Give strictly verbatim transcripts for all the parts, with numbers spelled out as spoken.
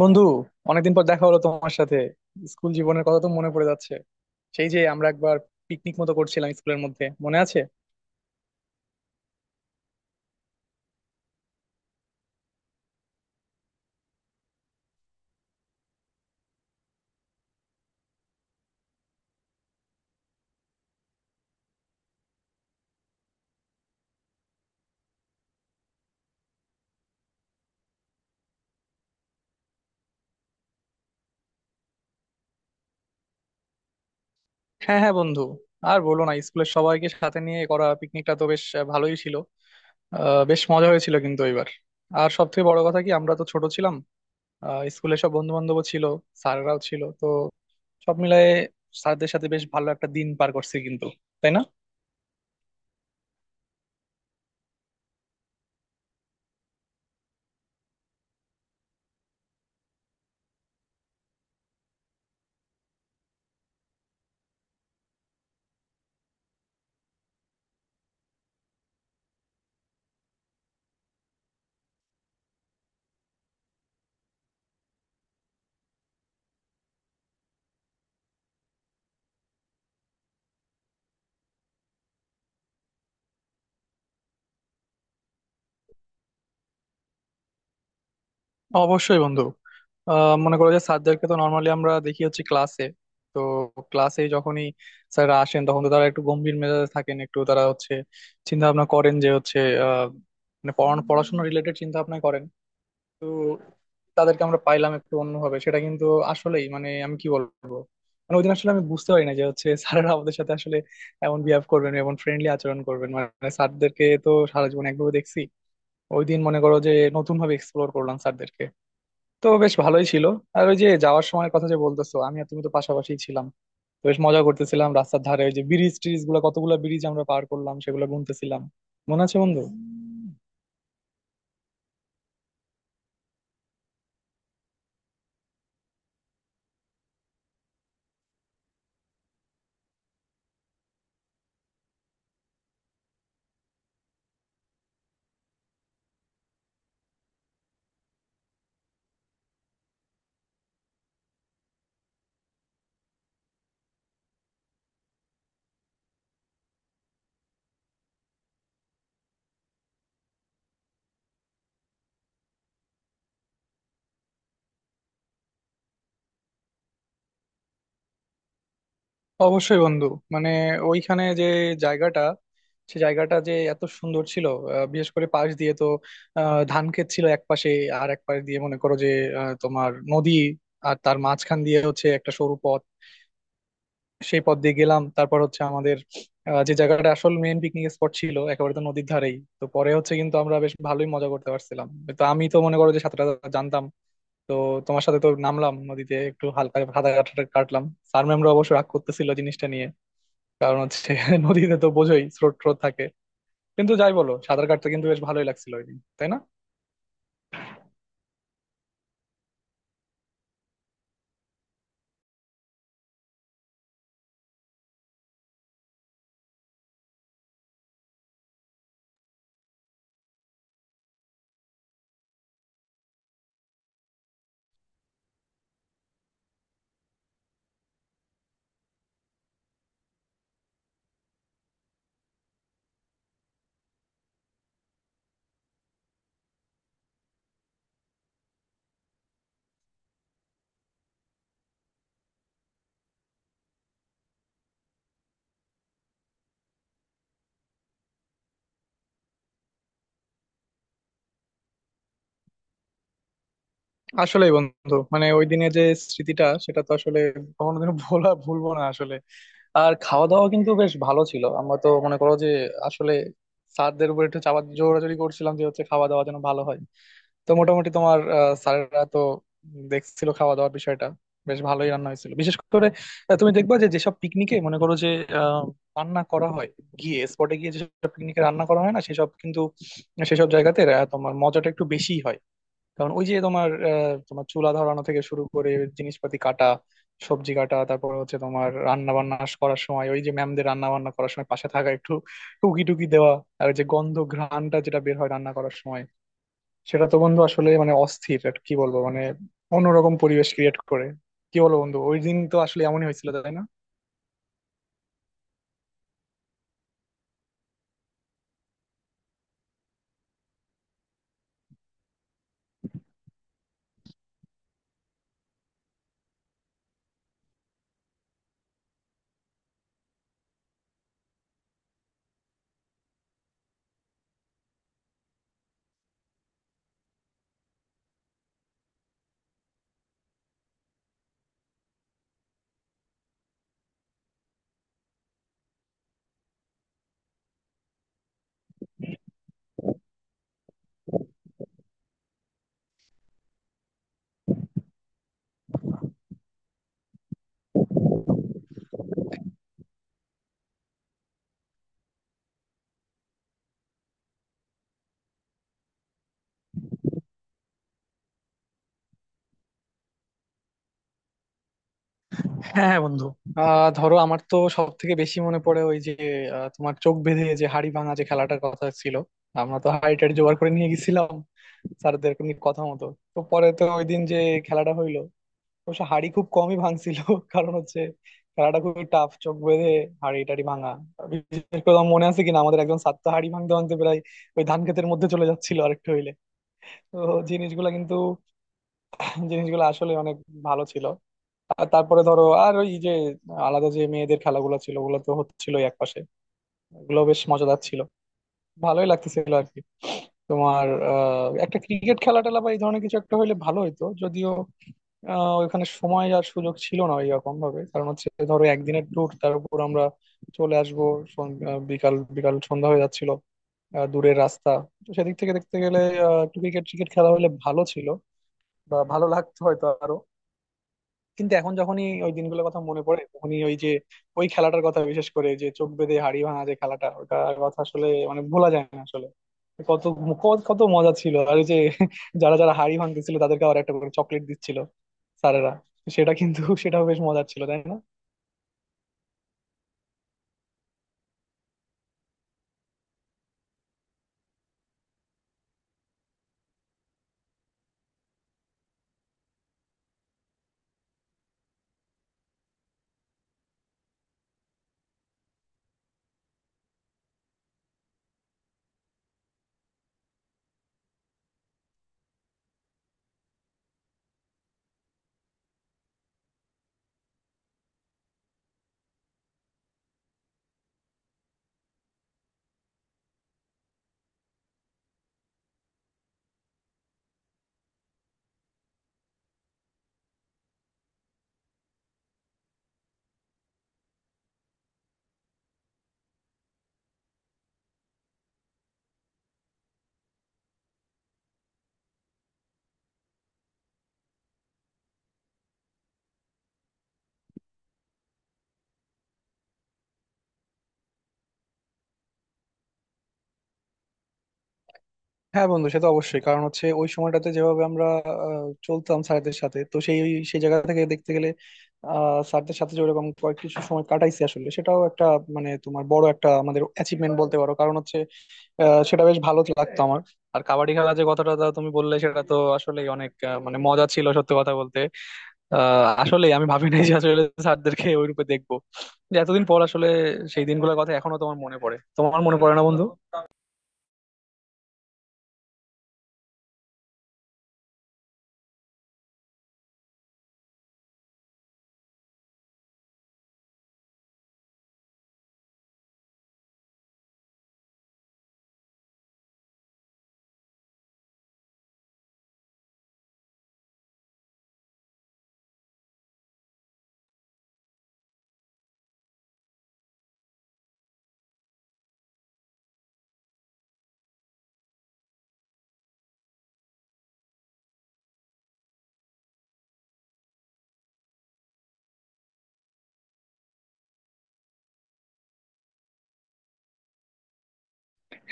বন্ধু, অনেকদিন পর দেখা হলো তোমার সাথে। স্কুল জীবনের কথা তো মনে পড়ে যাচ্ছে। সেই যে আমরা একবার পিকনিক মতো করছিলাম স্কুলের মধ্যে, মনে আছে? হ্যাঁ হ্যাঁ বন্ধু, আর বলো না, স্কুলের সবাইকে সাথে নিয়ে করা পিকনিকটা তো বেশ আহ, ভালোই ছিল। আহ, বেশ মজা হয়েছিল কিন্তু এবার। আর সব থেকে বড় কথা কি, আমরা তো ছোট ছিলাম। আহ, স্কুলে সব বন্ধু বান্ধবও ছিল, স্যাররাও ছিল তো, সব মিলায়ে স্যারদের সাথে বেশ ভালো একটা দিন পার করছি কিন্তু, তাই না? অবশ্যই বন্ধু। আহ, মনে করো যে স্যারদেরকে তো নর্মালি আমরা দেখি হচ্ছে ক্লাসে। তো ক্লাসে যখনই স্যাররা আসেন তখন তো তারা একটু গম্ভীর মেজাজে থাকেন, একটু তারা হচ্ছে চিন্তা ভাবনা করেন যে হচ্ছে আহ, মানে পড়ানো পড়াশোনা রিলেটেড চিন্তা ভাবনা করেন। তো তাদেরকে আমরা পাইলাম একটু অন্যভাবে, সেটা কিন্তু আসলেই মানে আমি কি বলবো, মানে ওই দিন আসলে আমি বুঝতে পারি না যে হচ্ছে স্যাররা আমাদের সাথে আসলে এমন বিহেভ করবেন, এমন ফ্রেন্ডলি আচরণ করবেন। মানে স্যারদেরকে তো সারা জীবন একভাবে দেখছি, ওই দিন মনে করো যে নতুন ভাবে এক্সপ্লোর করলাম স্যারদেরকে। তো বেশ ভালোই ছিল। আর ওই যে যাওয়ার সময় কথা যে বলতেছো, আমি আর তুমি তো পাশাপাশি ছিলাম, তো বেশ মজা করতেছিলাম রাস্তার ধারে। ওই যে ব্রিজ ট্রিজ গুলো, কতগুলো ব্রিজ আমরা পার করলাম সেগুলো গুনতেছিলাম, মনে আছে বন্ধু? অবশ্যই বন্ধু, মানে ওইখানে যে জায়গাটা, সে জায়গাটা যে এত সুন্দর ছিল! আহ, বিশেষ করে পাশ দিয়ে তো আহ, ধান ক্ষেত ছিল এক পাশে, আর এক পাশ দিয়ে মনে করো যে আহ, তোমার নদী, আর তার মাঝখান দিয়ে হচ্ছে একটা সরু পথ। সেই পথ দিয়ে গেলাম, তারপর হচ্ছে আমাদের আহ, যে জায়গাটা আসল মেইন পিকনিক স্পট ছিল একেবারে তো নদীর ধারেই তো পরে, হচ্ছে কিন্তু আমরা বেশ ভালোই মজা করতে পারছিলাম। তো আমি তো মনে করো যে সাঁতার টাতার জানতাম, তো তোমার সাথে তো নামলাম নদীতে, একটু হালকা সাঁতার কাটা কাটলাম। স্যার ম্যামরা অবশ্য রাগ করতেছিল জিনিসটা নিয়ে, কারণ হচ্ছে নদীতে তো বোঝোই স্রোত ট্রোত থাকে। কিন্তু যাই বলো, সাঁতার কাটতে কিন্তু বেশ ভালোই লাগছিল ওই দিন, তাই না? আসলেই বন্ধু, মানে ওই দিনে যে স্মৃতিটা, সেটা তো আসলে কখনোদিনও ভোলা ভুলবো না আসলে। আর খাওয়া দাওয়া কিন্তু বেশ ভালো ছিল। আমরা তো মনে করো যে আসলে স্যারদের উপর একটু চাপা জোরাজোরি করছিলাম যে হচ্ছে খাওয়া দাওয়া যেন ভালো হয়। তো মোটামুটি তোমার আহ, স্যারেরা তো দেখছিল খাওয়া দাওয়ার বিষয়টা, বেশ ভালোই রান্না হয়েছিল। বিশেষ করে আহ, তুমি দেখবা যে যেসব পিকনিকে মনে করো যে আহ, রান্না করা হয়, গিয়ে স্পটে গিয়ে, যেসব পিকনিকে রান্না করা হয় না সেসব কিন্তু, সেসব জায়গাতে আহ, তোমার মজাটা একটু বেশি হয়। কারণ ওই যে তোমার আহ, তোমার চুলা ধরানো থেকে শুরু করে জিনিসপাতি কাটা, সবজি কাটা, তারপর হচ্ছে তোমার রান্না বান্না করার সময়, ওই যে ম্যামদের রান্না বান্না করার সময় পাশে থাকা, একটু টুকি টুকি দেওয়া, আর ওই যে গন্ধ ঘ্রাণটা যেটা বের হয় রান্না করার সময়, সেটা তো বন্ধু আসলে মানে অস্থির, আর কি বলবো, মানে অন্যরকম পরিবেশ ক্রিয়েট করে। কি বলবো বন্ধু, ওই দিন তো আসলে এমনই হয়েছিল, তাই না? হ্যাঁ হ্যাঁ বন্ধু। আহ, ধরো আমার তো সব থেকে বেশি মনে পড়ে ওই যে আহ, তোমার চোখ বেঁধে যে হাড়ি ভাঙা যে খেলাটার কথা ছিল। আমরা তো হাড়ি টাড়ি জোগাড় করে নিয়ে গেছিলাম স্যারদের এমনি কথা মতো। তো পরে তো ওই দিন যে খেলাটা হইলো, অবশ্য হাড়ি খুব কমই ভাঙছিল কারণ হচ্ছে খেলাটা খুবই টাফ, চোখ বেঁধে হাড়ি টাড়ি ভাঙা। বিশেষ করে আমার মনে আছে কিনা, আমাদের একজন ছাত্র হাড়ি ভাঙতে ভাঙতে প্রায় ওই ধান ক্ষেতের মধ্যে চলে যাচ্ছিল আরেকটু হইলে। তো জিনিসগুলা কিন্তু, জিনিসগুলো আসলে অনেক ভালো ছিল। আর তারপরে ধরো, আর ওই যে আলাদা যে মেয়েদের খেলাগুলো ছিল ওগুলো তো হচ্ছিল একপাশে, ওগুলো বেশ মজাদার ছিল, ভালোই লাগতেছিল আর কি। তোমার আহ, একটা ক্রিকেট খেলা টেলা বা এই ধরনের কিছু একটা হইলে ভালো হইতো, যদিও আহ, ওইখানে সময় আর সুযোগ ছিল না এরকম ভাবে। কারণ হচ্ছে ধরো একদিনের ট্যুর, তার উপর আমরা চলে আসবো, সন- আহ, বিকাল বিকাল সন্ধ্যা হয়ে যাচ্ছিল, আহ, দূরের রাস্তা। তো সেদিক থেকে দেখতে গেলে আহ, একটু ক্রিকেট ক্রিকেট খেলা হলে ভালো ছিল, বা ভালো লাগতো হয়তো আরো। কিন্তু এখন যখনই ওই দিনগুলোর কথা মনে পড়ে, তখনই ওই যে ওই খেলাটার কথা, বিশেষ করে যে চোখ বেঁধে হাড়ি ভাঙা যে খেলাটা, ওটার কথা আসলে মানে ভোলা যায় না আসলে। কত কত কত মজা ছিল! আর ওই যে যারা যারা হাড়ি ভাঙতেছিল তাদেরকে আবার একটা করে চকলেট দিচ্ছিল স্যারেরা, সেটা কিন্তু সেটাও বেশ মজার ছিল, তাই না? হ্যাঁ বন্ধু, সে তো অবশ্যই। কারণ হচ্ছে ওই সময়টাতে যেভাবে আমরা আহ, চলতাম স্যারদের সাথে, তো সেই ওই- সেই জায়গা থেকে দেখতে গেলে আহ, স্যারদের সাথে যে ওরকম কয়েক কিছু সময় কাটাইছি আসলে, সেটাও একটা মানে তোমার বড় একটা আমাদের অ্যাচিভমেন্ট বলতে পারো। কারণ হচ্ছে আহ, সেটা বেশ ভালো লাগতো আমার। আর কাবাডি খেলা যে কথাটা তা তুমি বললে, সেটা তো আসলে অনেক আহ, মানে মজা ছিল সত্যি কথা বলতে। আহ আসলে আমি ভাবি নাই যে আসলে স্যারদেরকে ওই রূপে দেখবো। যে এতদিন পর আসলে সেই দিনগুলোর কথা এখনো তোমার মনে পড়ে, তোমার মনে পড়ে না বন্ধু?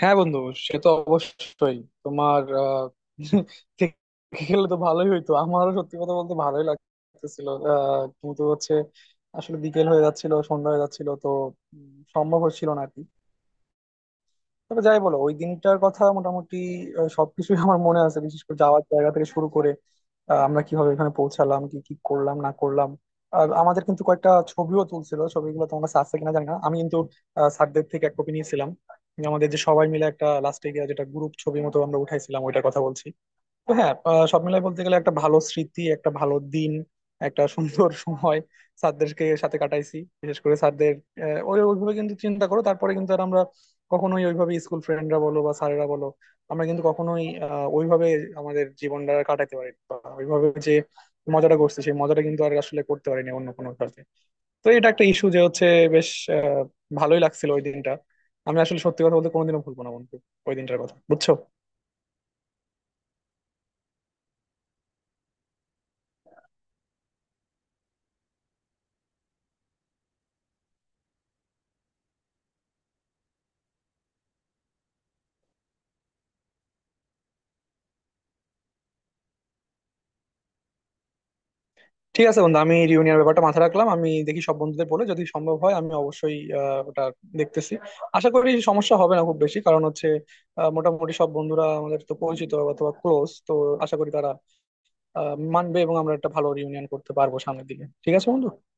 হ্যাঁ বন্ধু, সে তো অবশ্যই। তোমার আহ, থেকে খেলে তো ভালোই হইতো, আমারও সত্যি কথা বলতে ভালোই লাগতেছিল। আহ, কিন্তু হচ্ছে আসলে বিকেল হয়ে যাচ্ছিল, সন্ধ্যা হয়ে যাচ্ছিল, তো উম, সম্ভব হচ্ছিল না আর কি। তবে যাই বলো, ওই দিনটার কথা মোটামুটি আহ, সবকিছুই আমার মনে আছে। বিশেষ করে যাওয়ার জায়গা থেকে শুরু করে আহ, আমরা কিভাবে এখানে পৌঁছালাম, কি কি করলাম না করলাম। আর আমাদের কিন্তু কয়েকটা ছবিও তুলছিল, ছবিগুলো তোমার কাছে আছে কিনা জানি না, আমি কিন্তু আহ, স্যারদের থেকে এক কপি নিয়েছিলাম, আমাদের যে সবাই মিলে একটা লাস্টে গিয়ে যেটা গ্রুপ ছবির মতো আমরা উঠাইছিলাম, ওইটার কথা বলছি। তো হ্যাঁ, আহ, সব মিলাই বলতে গেলে একটা ভালো স্মৃতি, একটা ভালো দিন, একটা সুন্দর সময় স্যারদেরকে সাথে কাটাইছি। বিশেষ করে স্যারদের আহ, ওই ওইভাবে কিন্তু চিন্তা করো, তারপরে কিন্তু আর আমরা কখনোই ওইভাবে স্কুল ফ্রেন্ডরা বলো বা স্যারেরা বলো, আমরা কিন্তু কখনোই আহ, ওইভাবে আমাদের জীবনটা কাটাতে পারি বা ওইভাবে যে মজাটা করছি সেই মজাটা কিন্তু আর আসলে করতে পারিনি অন্য কোনো কাজে। তো এটা একটা ইস্যু যে হচ্ছে বেশ আহ, ভালোই লাগছিল ওই দিনটা। আমি আসলে সত্যি কথা বলতে কোনোদিনও ভুলবো না বন্ধু ওই দিনটার কথা, বুঝছো? ঠিক আছে বন্ধু, আমি রিউনিয়নের ব্যাপারটা মাথায় রাখলাম। আমি দেখি সব বন্ধুদের বলে, যদি সম্ভব হয় আমি অবশ্যই আহ, ওটা দেখতেছি। আশা করি সমস্যা হবে না খুব বেশি, কারণ হচ্ছে আহ, মোটামুটি সব বন্ধুরা আমাদের তো পরিচিত অথবা ক্লোজ। তো আশা করি তারা আহ, মানবে এবং আমরা একটা ভালো রিউনিয়ন করতে পারবো সামনের দিকে। ঠিক আছে বন্ধু।